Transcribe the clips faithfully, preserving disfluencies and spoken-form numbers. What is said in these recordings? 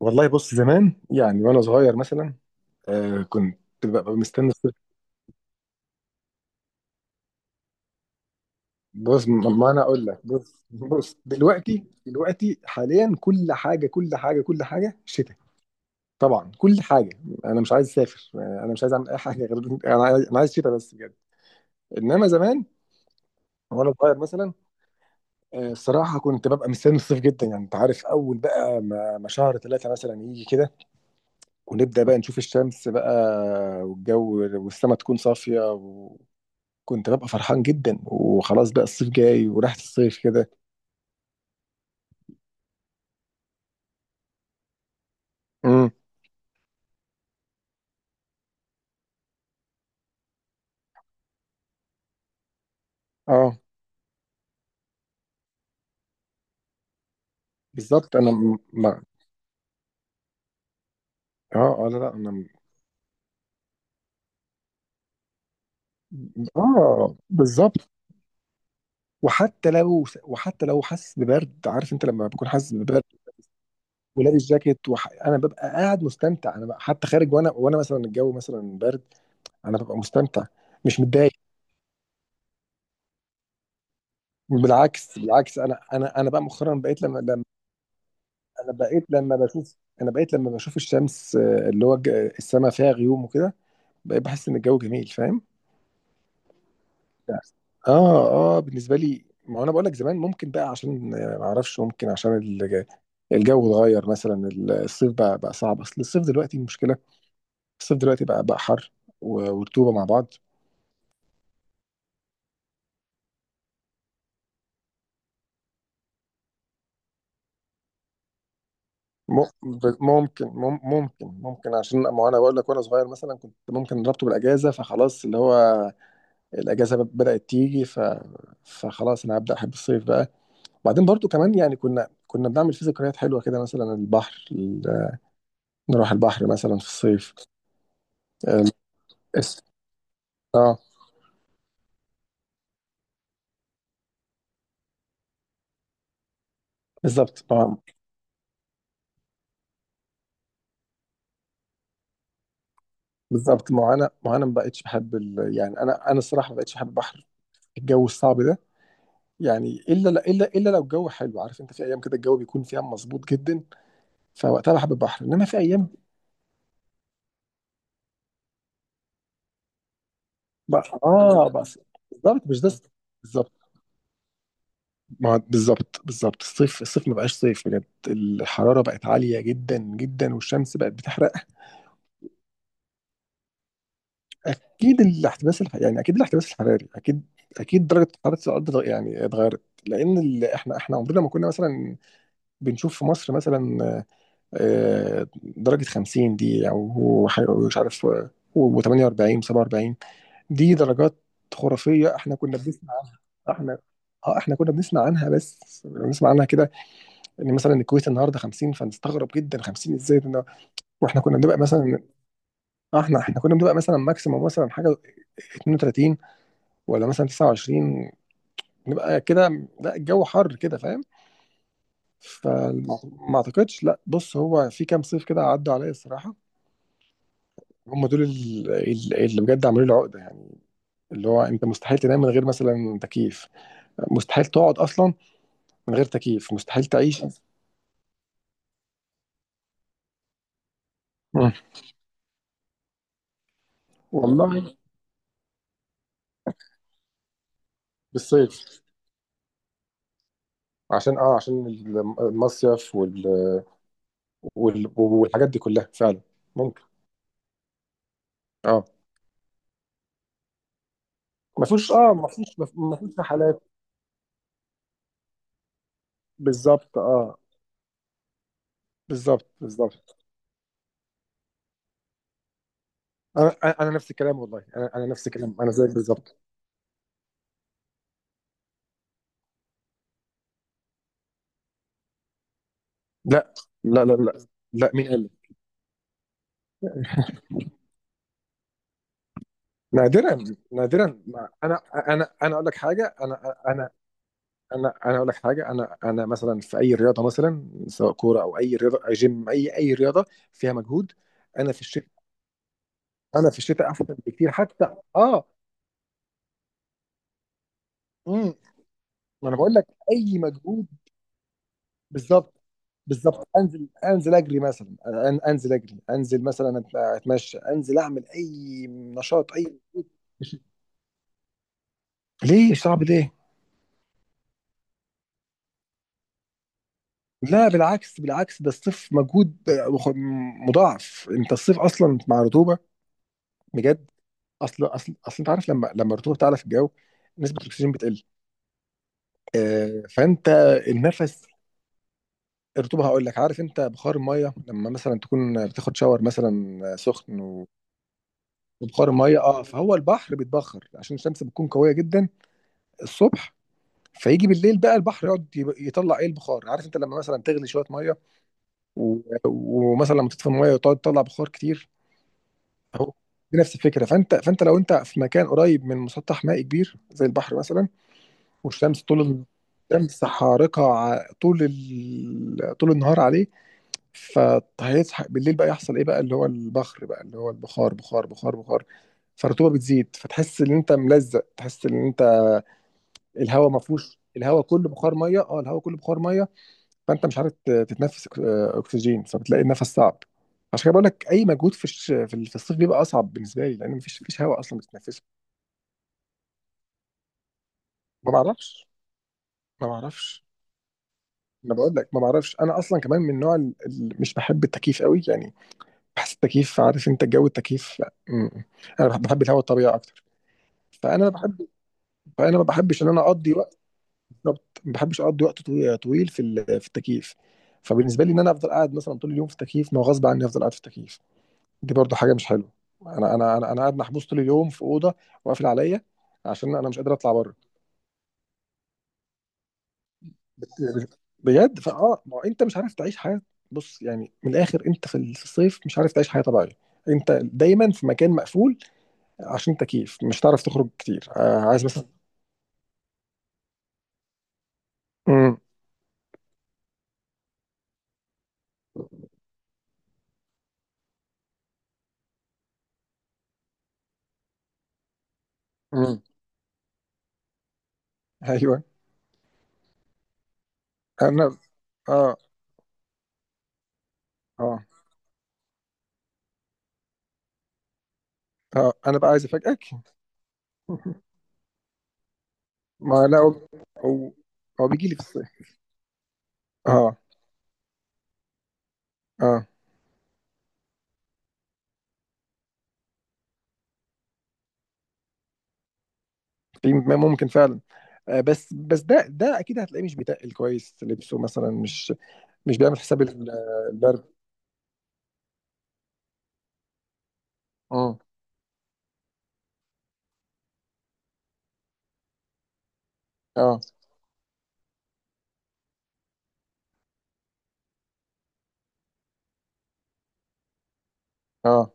والله بص زمان، يعني وانا صغير مثلا آه كنت ببقى مستني الصيف. بص ما ما انا اقول لك، بص بص دلوقتي دلوقتي حاليا كل حاجه كل حاجه كل حاجه شتاء. طبعا كل حاجه. انا مش عايز اسافر، آه، انا مش عايز اعمل اي حاجه، غير انا عايز أنا عايز شتاء بس بجد. انما زمان وانا صغير مثلا، آه، الصراحه كنت ببقى مستني الصيف جدا. يعني انت عارف، اول بقى ما ما شهر ثلاثه مثلا يجي كده، ونبدا بقى نشوف الشمس بقى، والجو والسما تكون صافيه. كنت ببقى فرحان جدا، وخلاص بقى الصيف جاي وريحة الصيف كده. امم. اه بالظبط انا م- ما اه اه لا لا انا م- اه بالظبط. وحتى لو وحتى لو حاسس ببرد، عارف انت لما بكون حاسس ببرد ولابس جاكيت وح... انا ببقى قاعد مستمتع. انا بقى حتى خارج، وانا وانا مثلا الجو مثلا برد، انا ببقى مستمتع، مش متضايق. بالعكس بالعكس، انا انا انا بقى مؤخرا بقيت لما لما انا بقيت لما بشوف انا بقيت لما بشوف الشمس، آه، اللي هو السماء فيها غيوم وكده، بقيت بحس ان الجو جميل، فاهم. اه اه بالنسبه لي، ما هو انا بقول لك زمان، ممكن بقى عشان، آه، ما اعرفش، ممكن عشان الج- الجو اتغير مثلا، ال- الصيف بقى بقى صعب. اصل الصيف دلوقتي المشكله، الصيف دلوقتي بقى بقى حر و- ورطوبه مع بعض. م- ب- ممكن مم- ممكن ممكن، عشان ما انا بقول لك وانا صغير مثلا، كنت ممكن ربطه بالاجازه، فخلاص اللي هو الاجازه ب- بدات تيجي، ف فخلاص انا هبدا احب الصيف بقى. وبعدين برضو كمان، يعني كنا كنا بنعمل فيه ذكريات حلوه كده، مثلا البحر، نروح البحر مثلا في الصيف. أم. اس- اه بالظبط ما- بالظبط ما هو انا ما هو انا ما بقتش بحب ال... يعني انا انا الصراحه ما بقتش بحب البحر، الجو الصعب ده. يعني الا الا الا لو الجو حلو، عارف انت، في ايام كده الجو بيكون فيها مظبوط جدا، فوقتها بحب البحر، انما في ايام. بقى اه بس. بالظبط مش ده. بالظبط ما هو بالظبط بالظبط الصيف الصيف ما بقاش صيف بجد، الحراره بقت عاليه جدا جدا، والشمس بقت بتحرق. اكيد الاحتباس الح... يعني اكيد الاحتباس الحراري، اكيد اكيد درجه حراره الارض اتغ- يعني اتغيرت، لان ال... احنا احنا عمرنا ما كنا مثلا بنشوف في مصر مثلا، آه، درجه خمسين دي، او ح- مش عارف، و48 و47، دي درجات خرافيه احنا كنا بنسمع عنها. احنا اه احنا كنا بنسمع عنها، بس بنسمع عنها كده، ان مثلا الكويت النهارده خمسين، فنستغرب جدا، خمسين ازاي ده؟ واحنا كنا بنبقى مثلا، آه، احنا احنا كنا بنبقى مثلا ماكسيموم مثلا حاجه اثنين وثلاثين ولا مثلا تسعة وعشرين، نبقى كده، لا الجو حر كده، فاهم. فما اعتقدش، لا بص، هو في كام صيف كده عدوا عليا الصراحه، هم دول ال- ال- اللي بجد عملوا لي عقده. يعني اللي هو انت مستحيل تنام من غير مثلا تكييف، مستحيل تقعد اصلا من غير تكييف، مستحيل تعيش. مم. والله بالصيف، عشان اه عشان الم- المصيف وال... وال... والحاجات دي كلها فعلا، ممكن. اه ما فيهوش، اه ما فيهوش ما فيهوش رحلات. بالظبط اه بالظبط بالظبط، انا انا نفس الكلام والله، انا انا نفس الكلام، انا زيك بالظبط. لا لا لا لا لا، مين قال لي؟ نادرا نادرا، ما انا انا انا اقول لك حاجه، انا انا انا انا اقول لك حاجه، انا انا مثلا في اي رياضه مثلا، سواء كوره او اي رياضه، أي جيم، اي اي رياضه فيها مجهود. انا في الشتاء، انا في الشتاء احسن بكتير، حتى اه امم. ما انا بقول لك، اي مجهود. بالظبط بالظبط، انزل انزل اجري مثلا، أن- انزل اجري، انزل مثلا أت- اتمشى، انزل اعمل اي نشاط، اي مش- ليه صعب، ليه؟ لا بالعكس بالعكس، ده الصيف مجهود مخ- مضاعف. انت الصيف اصلا مع رطوبه، بجد. اصل اصل اصل انت عارف، لما لما الرطوبه بتعلى في الجو، نسبه الاكسجين بتقل، آه، فانت النفس، الرطوبه هقول لك، عارف انت بخار الميه، لما مثلا تكون بتاخد شاور مثلا سخن، بتبخر الميه. اه فهو البحر بيتبخر، عشان الشمس بتكون قويه جدا الصبح، فيجي بالليل بقى البحر يقعد يب- يطلع ايه؟ البخار. عارف انت لما مثلا تغلي شويه ميه و- ومثلا لما تطفي الميه، وتقعد تطلع بخار كتير، اهو دي نفس الفكره. فانت فانت لو انت في مكان قريب من مسطح مائي كبير زي البحر مثلا، والشمس طول ال- الشمس حارقه ع- طول ال... طول النهار عليه، فهيصحى بالليل بقى يحصل ايه بقى؟ اللي هو البخر بقى اللي هو البخار، بخار بخار بخار. فالرطوبه بتزيد، فتحس ان انت ملزق، تحس ان انت الهواء ما فيهوش الهواء كله بخار ميه، اه الهواء كله بخار ميه. فانت مش عارف ت- تتنفس أك- آه، اكسجين، فبتلاقي النفس صعب. عشان كده بقول لك، اي مجهود في الش- في ال- في الصيف بيبقى اصعب بالنسبه لي، لان مفيش مفيش هواء اصلا بتتنفسه. ما بعرفش ما بعرفش. انا بقول لك ما بعرفش، انا اصلا كمان من نوع ال- ال- مش بحب التكييف قوي، يعني بحس التكييف، عارف انت جو التكييف، م- انا بحب بحب الهواء الطبيعي اكتر. فانا بحب فانا ما بحبش ان انا اقضي وقت. بالظبط ما بحبش اقضي وقت طوي- طويل في ال- في التكييف. فبالنسبه لي، ان انا افضل قاعد مثلا طول اليوم في التكييف، ما هو غصب عني افضل قاعد في التكييف، دي برضو حاجه مش حلوه. انا انا انا انا قاعد محبوس طول اليوم في اوضه وقافل عليا، عشان انا مش قادر اطلع بره، بجد، فاه ما هو انت مش عارف تعيش حياه. بص يعني من الاخر، انت في الصيف مش عارف تعيش حياه طبيعيه، انت دايما في مكان مقفول عشان تكييف، مش هتعرف تخرج كتير، آه عايز مثلا. مم. مم. ايوه. انا اه اه اه انا بقى عايز افاجئك. ما لا هو هو هو بيجي لي في الصيف. اه اه، في م- ممكن فعلا. آه بس بس ده ده اكيد هتلاقيه مش بيتقل كويس لبسه مثلا، مش مش بيعمل حساب ال- البرد. مم. اه اه.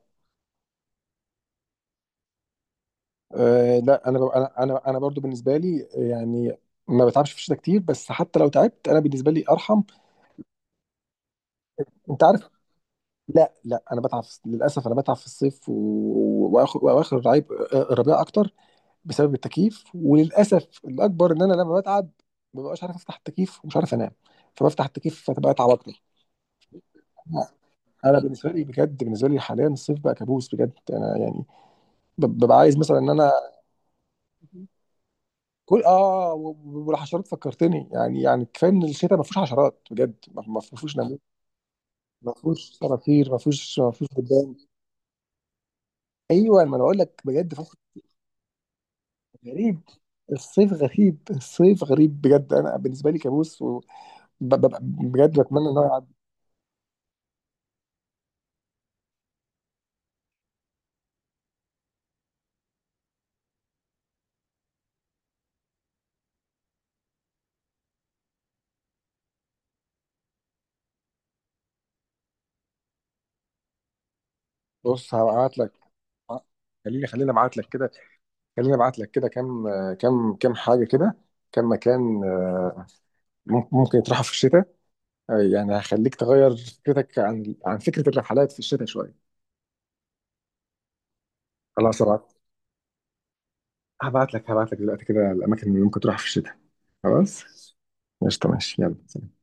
آه، لا، انا ب- انا انا انا برضو بالنسبه لي، يعني ما بتعبش في الشتاء كتير، بس حتى لو تعبت انا بالنسبه لي ارحم. انت عارف، لا لا انا بتعب، في- للاسف انا بتعب في الصيف و... واخر واخر الربيع، الربيع اكتر، بسبب التكييف. وللاسف الاكبر، ان انا لما بتعب ما ببقاش عارف افتح التكييف، ومش عارف انام، فبفتح التكييف، فتبقى اتعب اكتر. انا بالنسبه لي بجد، بالنسبه لي حاليا الصيف بقى كابوس، بجد انا يعني ب- ببقى عايز مثلا ان انا كل اه و- و- والحشرات فكرتني، يعني يعني كفايه ان الشتاء ما فيهوش حشرات، بجد ما ما فيهوش نمل، ما فيهوش صراصير، ما فيهوش ما فيهوش دبان. ايوه ما انا بقول لك بجد، غريب، الصيف غريب، الصيف غريب بجد، انا بالنسبه لي كابوس، وببقى بجد بتمنى ان هو يعدي. بص هبعت لك، خليني خليني ابعت لك كده، خليني ابعت لك كده كام، كام كام حاجه كده، كام مكان، آه، مم- ممكن يطرحوا في الشتاء، آه، يعني هخليك تغير فكرتك عن عن فكره الرحلات في الشتاء شويه. خلاص هبعت، هبعت لك هبعت لك دلوقتي كده الاماكن اللي ممكن تروح في الشتاء. خلاص، قشطه ماشي يلا.